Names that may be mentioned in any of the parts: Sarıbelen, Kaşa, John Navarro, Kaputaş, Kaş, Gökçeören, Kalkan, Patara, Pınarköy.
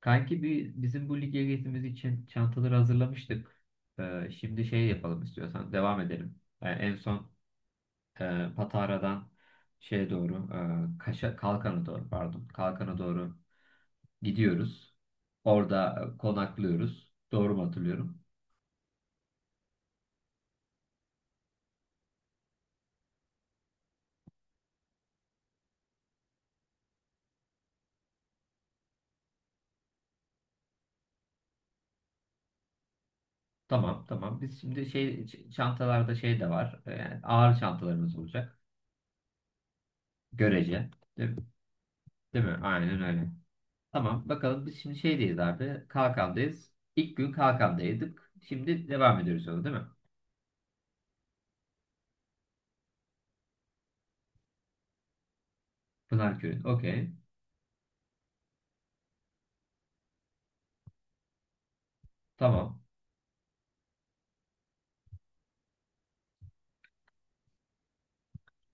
Kanki, bizim bu lige gezimiz için çantaları hazırlamıştık. Şimdi şey yapalım istiyorsan devam edelim. Yani en son Patara'dan şeye doğru, Kaşa, Kalkan'a doğru pardon, Kalkan'a doğru gidiyoruz. Orada konaklıyoruz. Doğru mu hatırlıyorum? Tamam, tamam. Biz şimdi şey çantalarda şey de var. Yani ağır çantalarımız olacak. Görece. Değil, değil mi? Aynen öyle. Tamam, bakalım biz şimdi şeydeyiz abi. Kalkan'dayız. İlk gün Kalkan'daydık. Şimdi devam ediyoruz sonra, değil mi? Pınarköy'ün. Okey. Tamam.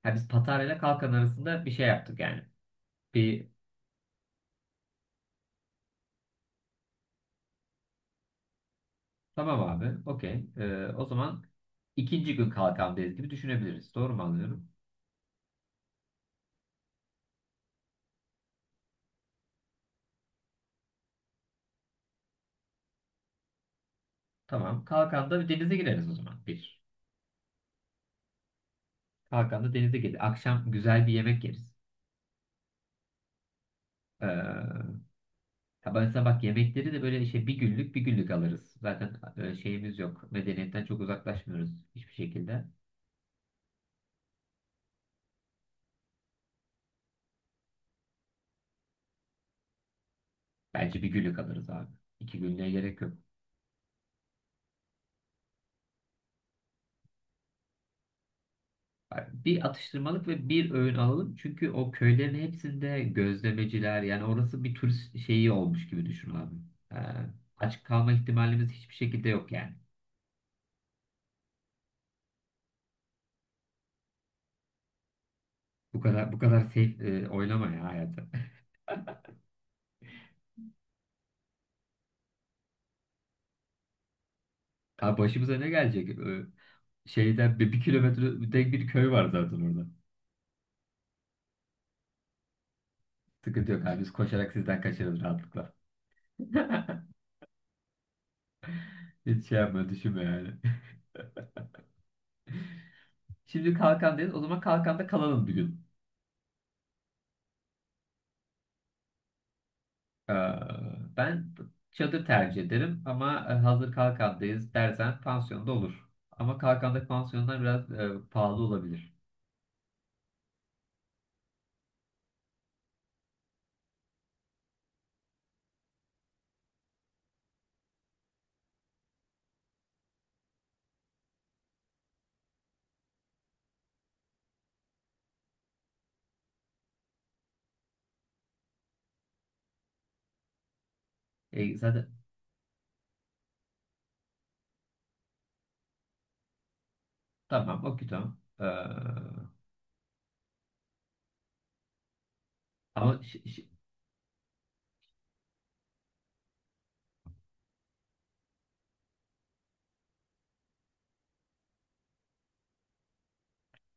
Ha, biz Patara ile Kalkan arasında bir şey yaptık yani. Bir tamam abi. Okey. O zaman ikinci gün Kalkan'dayız gibi düşünebiliriz. Doğru mu anlıyorum? Tamam. Kalkan'da bir denize gireriz o zaman. Bir. Kalkan'da denize gireriz. Akşam güzel bir yemek yeriz. Ee, Ya ben sana bak, yemekleri de böyle şey bir günlük bir günlük alırız. Zaten şeyimiz yok. Medeniyetten çok uzaklaşmıyoruz hiçbir şekilde. Bence bir günlük alırız abi. 2 günlüğe gerek yok. Yani bir atıştırmalık ve bir öğün alalım. Çünkü o köylerin hepsinde gözlemeciler, yani orası bir turist şeyi olmuş gibi düşün abi. Ee, aç kalma ihtimalimiz hiçbir şekilde yok yani. Bu kadar bu kadar safe oynama ya hayatı. Abi başımıza ne gelecek? Şeyden bir kilometre tek bir köy var zaten orada. Sıkıntı yok abi. Biz koşarak sizden kaçarız rahatlıkla. Hiç şey yapma düşünme yani. Şimdi Kalkandayız. O zaman Kalkanda kalalım bir gün. Ee, ben çadır tercih ederim ama hazır Kalkandayız dersen pansiyonda olur. Ama Kalkan'daki pansiyonlar biraz pahalı olabilir. Zaten tamam, okey, tamam. Ama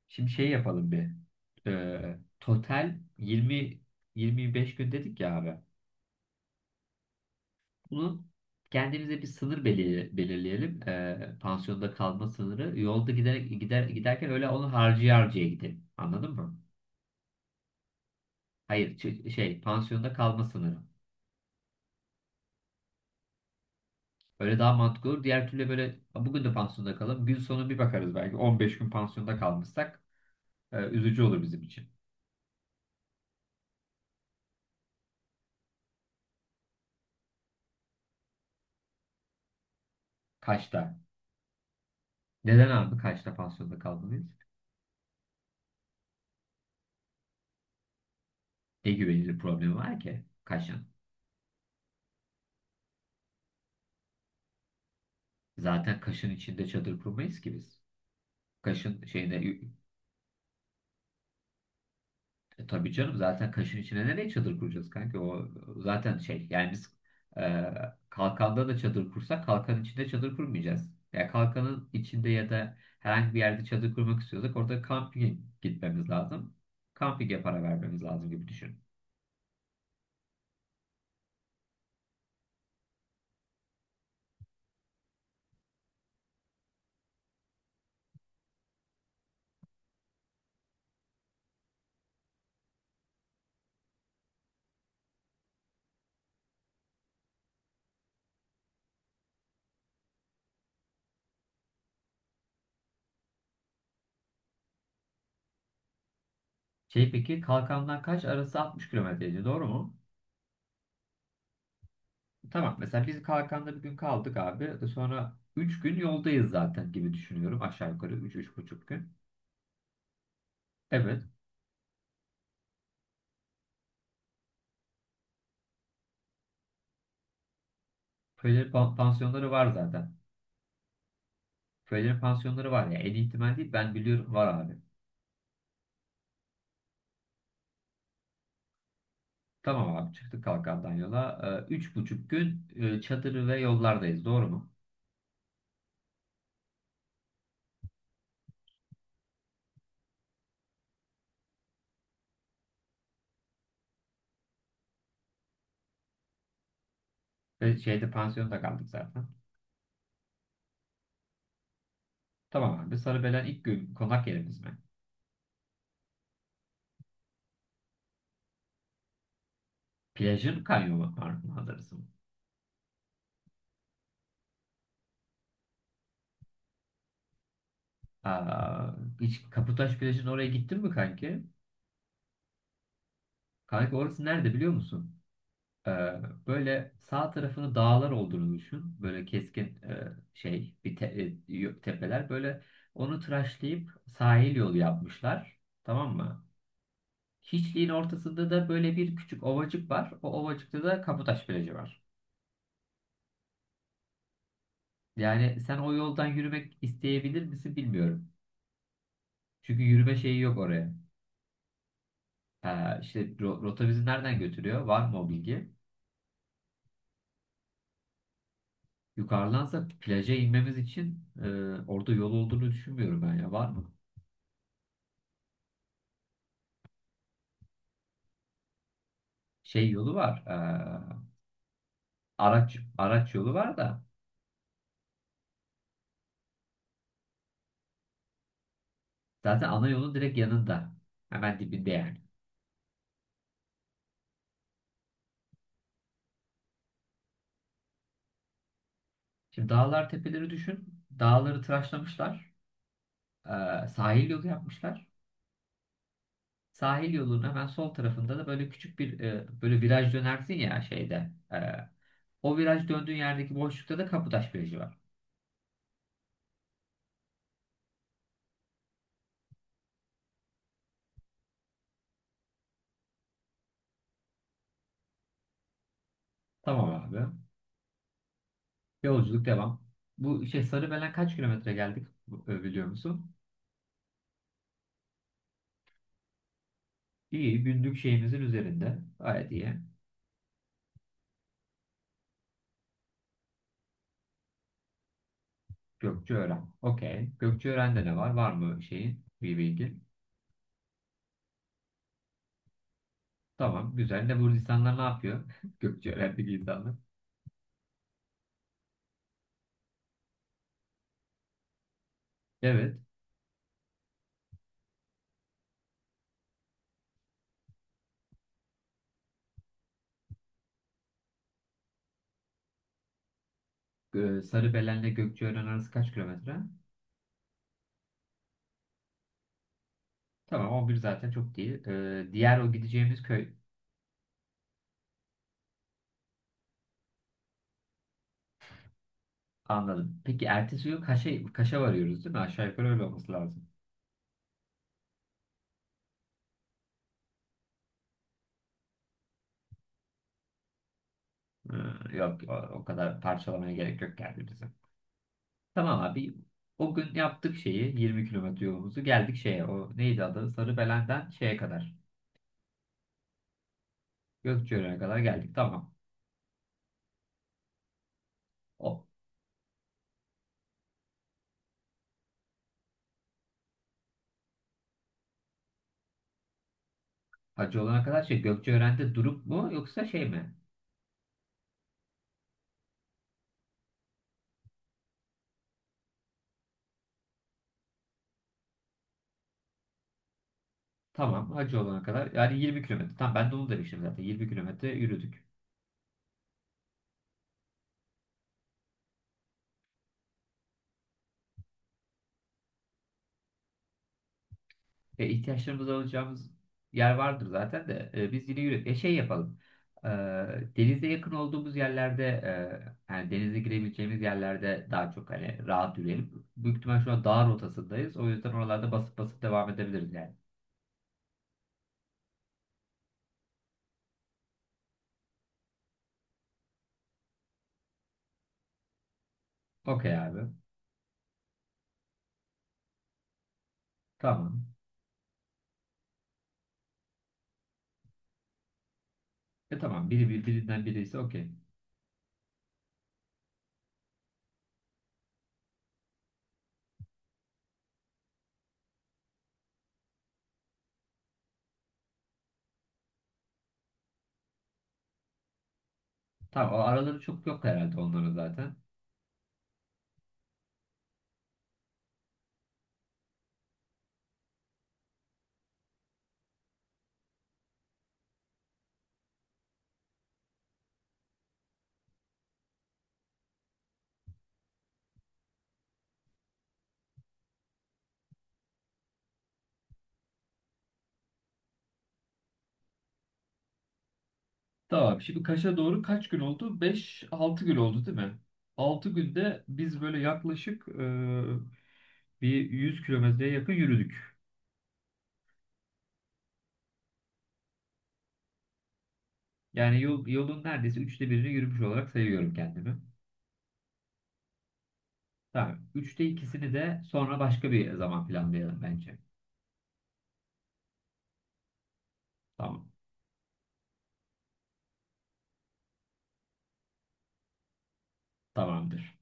şimdi şey yapalım bir. Total 20 25 gün dedik ya abi. Bunun kendimize bir sınır belirleyelim. Pansiyonda kalma sınırı. Yolda giderek giderken öyle onu harcaya harcaya gidelim. Anladın mı? Hayır, şey, pansiyonda kalma sınırı. Öyle daha mantıklı olur. Diğer türlü böyle, "A, bugün de pansiyonda kalalım. Gün sonu bir bakarız belki." 15 gün pansiyonda kalmışsak üzücü olur bizim için. Kaş'ta. Neden abi Kaş'ta pansiyonda kalmalıyız? Ne güvenilir problemi var ki Kaş'ın? Zaten Kaş'ın içinde çadır kurmayız ki biz. Kaş'ın şeyine. Tabii canım, zaten Kaşın içine nereye çadır kuracağız kanka? O zaten şey, yani biz e, Kalkanda da çadır kursak Kalkanın içinde çadır kurmayacağız. Ya Kalkanın içinde ya da herhangi bir yerde çadır kurmak istiyorsak orada kampinge gitmemiz lazım. Kampinge para vermemiz lazım gibi düşün. Şey, peki Kalkandan kaç arası 60 kilometreydi, doğru mu? Tamam, mesela biz Kalkanda bir gün kaldık abi. Sonra 3 gün yoldayız zaten gibi düşünüyorum, aşağı yukarı üç 3,5 gün. Evet. Böyle pansiyonları var zaten. Projenin pansiyonları var ya. En iyi ihtimal değil. Ben biliyorum var abi. Tamam abi, çıktık Kalkandan yola. 3,5 gün çadır ve yollardayız. Doğru mu? Ve şeyde pansiyonda kaldık zaten. Tamam abi. Sarıbelen ilk gün konak yerimiz mi? Plajın kanyon manzarası mı? Aa, hiç Kaputaş plajın oraya gittin mi kanki? Kanki orası nerede biliyor musun? Ee, böyle sağ tarafını dağlar olduğunu düşün. Böyle keskin, şey bir tepeler. Böyle onu tıraşlayıp sahil yolu yapmışlar. Tamam mı? Hiçliğin ortasında da böyle bir küçük ovacık var. O ovacıkta da Kaputaş plajı var. Yani sen o yoldan yürümek isteyebilir misin bilmiyorum. Çünkü yürüme şeyi yok oraya. Ha, işte rota bizi nereden götürüyor? Var mı o bilgi? Yukarıdansa plaja inmemiz için orada yol olduğunu düşünmüyorum ben ya. Var mı? Şey yolu var. Araç yolu var da zaten ana yolun direkt yanında. Hemen dibinde yani. Şimdi dağlar tepeleri düşün. Dağları tıraşlamışlar. Sahil yolu yapmışlar. Sahil yolunun hemen sol tarafında da böyle küçük bir, böyle viraj dönersin ya şeyde. O viraj döndüğün yerdeki boşlukta da Kapıtaş Virajı var. Tamam abi. Yolculuk devam. Bu şey Sarıbelen kaç kilometre geldik, biliyor musun? İyi, günlük şeyimizin üzerinde. Gayet iyi. Gökçeören. Okey. Gökçeören'de de var. Var mı şeyin bir bilgi? Tamam. Güzel. De bu insanlar ne yapıyor? Gökçeören'deki insanlar. Evet. Sarıbelen'le Gökçeören arası kaç kilometre? Tamam. 11 zaten çok değil. Diğer o gideceğimiz köy. Anladım. Peki ertesi gün Kaş'a varıyoruz, değil mi? Aşağı yukarı öyle olması lazım. Yok. O kadar parçalamaya gerek yok kendimizi. Tamam abi. O gün yaptık şeyi. 20 kilometre yolumuzu. Geldik şeye. O neydi adı? Sarıbelen'den şeye kadar. Gökçeören'e kadar geldik. Tamam. O hacı olana kadar şey Gökçeören'de durup mu yoksa şey mi? Tamam, hacı olana kadar yani 20 kilometre. Tamam, ben de onu demiştim zaten, 20 kilometre yürüdük. E, ihtiyaçlarımızı alacağımız yer vardır zaten de biz yine yürüdük. Şey yapalım. E, denize yakın olduğumuz yerlerde, yani denize girebileceğimiz yerlerde daha çok hani rahat yürüyelim. Büyük ihtimal şu an dağ rotasındayız. O yüzden oralarda basıp basıp devam edebiliriz yani. Okey abi. Tamam. Tamam, birinden birisi okey. Tamam, o araları çok yok herhalde onların zaten. Tamam. Şimdi Kaş'a doğru kaç gün oldu? 5-6 gün oldu değil mi? 6 günde biz böyle yaklaşık, bir 100 kilometreye yakın yürüdük. Yani yolun neredeyse üçte birini yürümüş olarak sayıyorum kendimi. Tamam. Üçte ikisini de sonra başka bir zaman planlayalım bence. Tamam. Tamamdır.